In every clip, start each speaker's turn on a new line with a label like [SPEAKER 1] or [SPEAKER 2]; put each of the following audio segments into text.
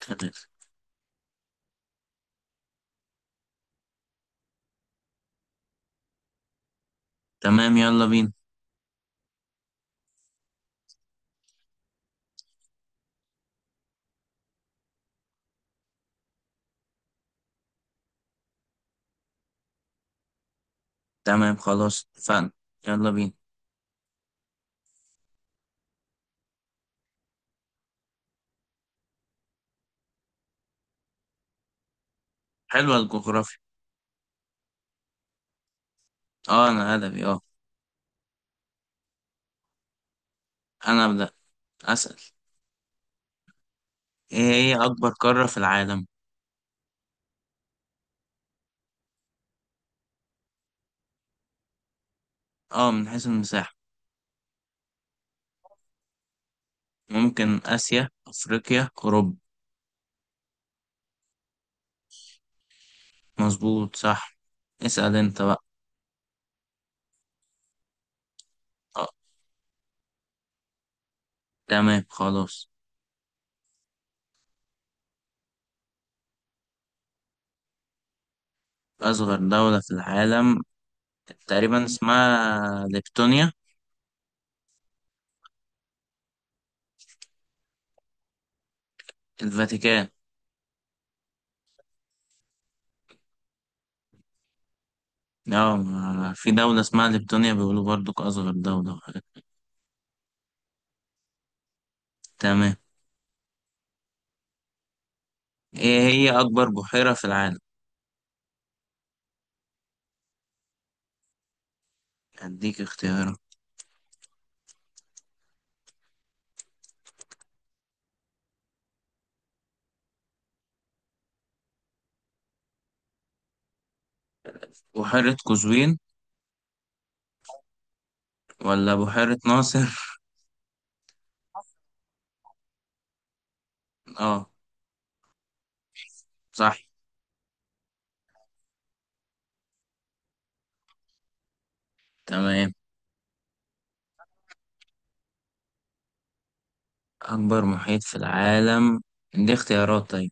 [SPEAKER 1] تمام. تمام، يلا بينا. تمام خلاص اتفقنا. يلا بينا. حلوة الجغرافيا. اه انا ادبي اه. انا ابدأ. اسأل. ايه هي اكبر قارة في العالم؟ اه، من حيث المساحة. ممكن اسيا، افريقيا، اوروبا. مظبوط صح. اسأل انت بقى. اه. تمام خلاص. اصغر دولة في العالم. تقريبا اسمها ليبتونيا. الفاتيكان. اه في دولة اسمها ليبتونيا بيقولوا برضو اصغر دولة وحاجات. تمام. ايه هي اكبر بحيرة في العالم؟ أديك اختيارات. بحيرة قزوين، ولا بحيرة ناصر؟ اه. صح. تمام. أكبر محيط في العالم. دي اختيارات طيب.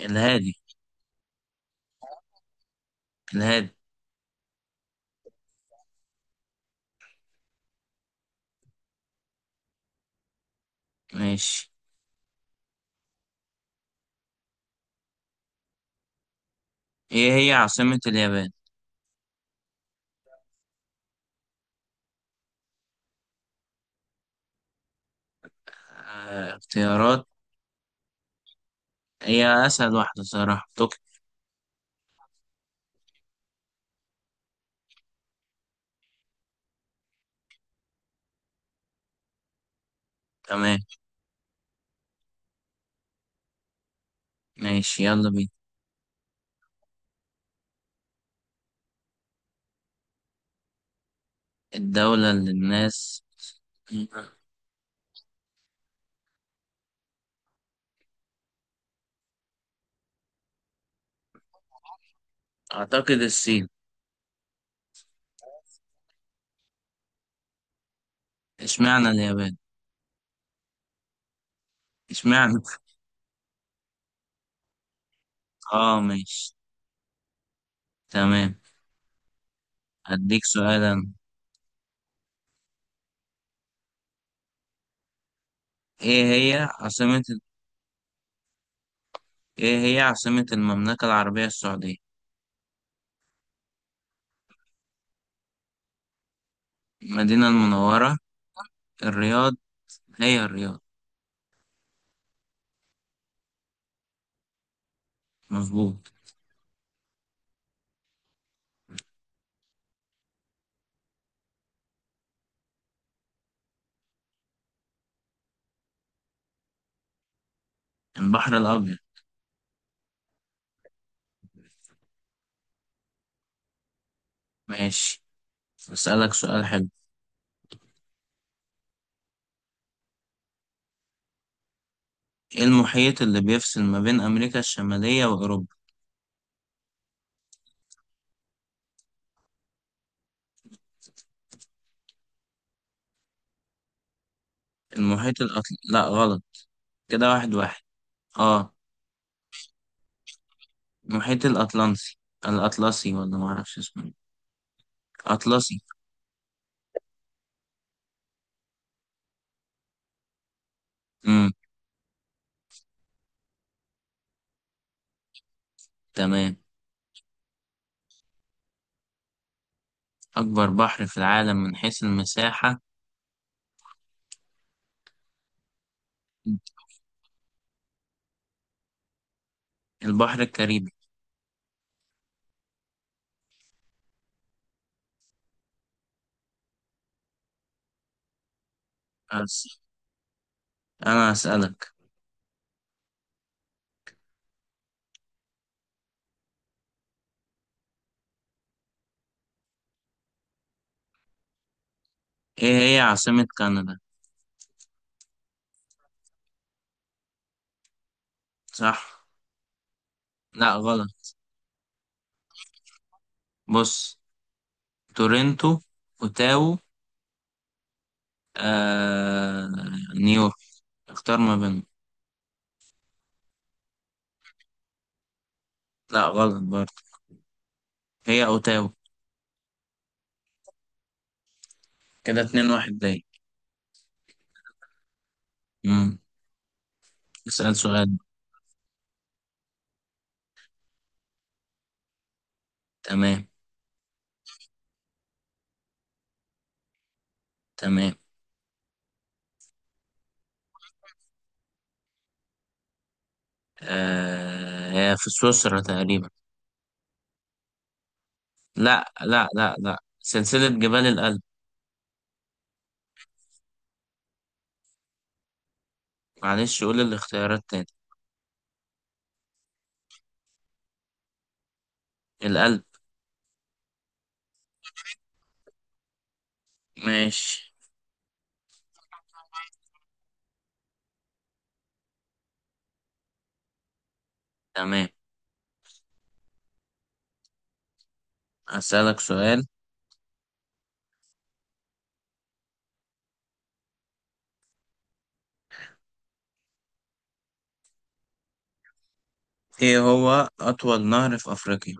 [SPEAKER 1] الهادي. الهادي. ماشي. ايه هي عاصمة اليابان؟ آه، اختيارات. هي أسهل واحدة صراحة، طوكيو. تمام. ماشي يلا بينا. الدولة اللي الناس. أعتقد الصين. اشمعنى اليابان؟ اشمعنى؟ اه ماشي. تمام. هديك سؤالا. ايه هي عاصمة. إيه هي عاصمة المملكة العربية السعودية؟ المدينة المنورة، الرياض، هي الرياض، مظبوط. البحر الأبيض. ماشي، بسألك سؤال حلو. إيه المحيط اللي بيفصل ما بين أمريكا الشمالية وأوروبا؟ لا غلط، كده واحد واحد. آه، المحيط الأطلنسي، الأطلسي ولا معرفش اسمه، إيه. أطلسي. امم تمام. أكبر بحر في العالم من حيث المساحة، البحر الكاريبي. بس أنا هسألك، إيه هي عاصمة كندا؟ صح. لا غلط. بص. تورنتو، اوتاو، آه... نيويورك. اختار ما بينهم. لا غلط برضه، هي اوتاو. كده اتنين واحد ليا. امم اسأل سؤال. تمام. تمام. هي في سويسرا تقريبا. لا لا لا لا، سلسلة جبال الألب. معلش قول الاختيارات تاني. الألب. ماشي. تمام. هسألك سؤال. ايه هو أطول نهر في أفريقيا؟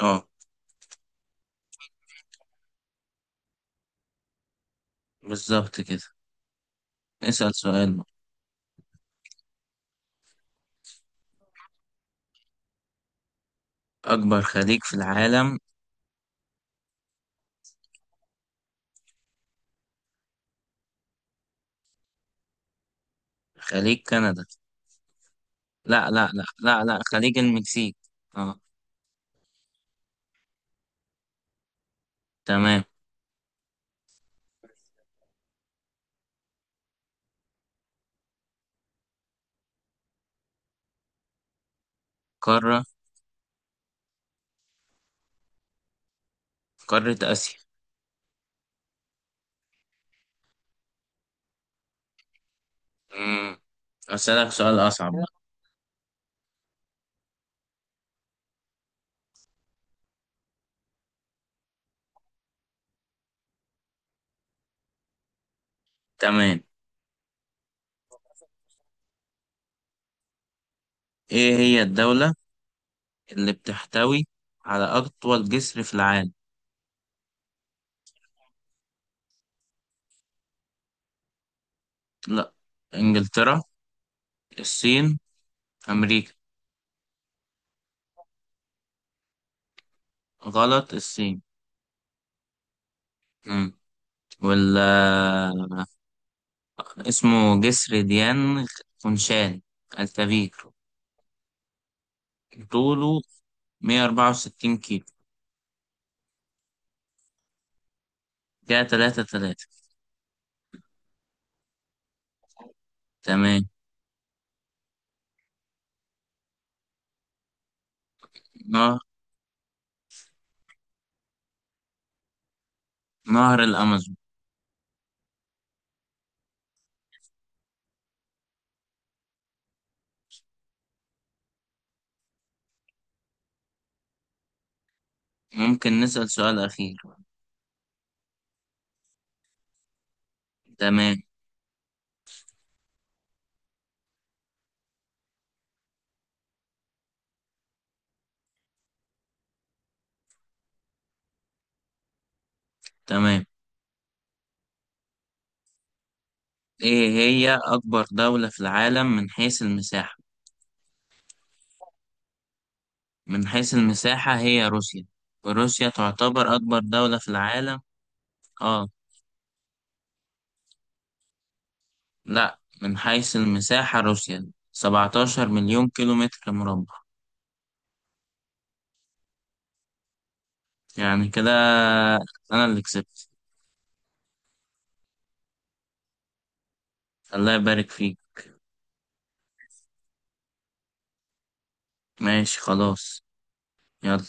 [SPEAKER 1] اه، بالظبط كده. اسأل سؤال. أكبر خليج في العالم. خليج كندا. لا لا لا لا لا، خليج المكسيك. اه. تمام. قارة. قارة آسيا. مم. أسألك سؤال أصعب بقى. تمام. إيه هي الدولة اللي بتحتوي على أطول جسر في العالم؟ لا. إنجلترا، الصين، أمريكا. غلط، الصين. مم. ولا اسمه جسر ديان خونشان الكبير. طوله 164 كيلو. كده 3. تمام. نهر نهر الأمازون. ممكن نسأل سؤال أخير؟ تمام. تمام. إيه هي أكبر دولة في العالم من حيث المساحة؟ من حيث المساحة هي روسيا. روسيا تعتبر أكبر دولة في العالم. آه. لأ، من حيث المساحة روسيا 17 مليون كيلومتر مربع. يعني كده أنا اللي كسبت. الله يبارك فيك. ماشي خلاص. يلا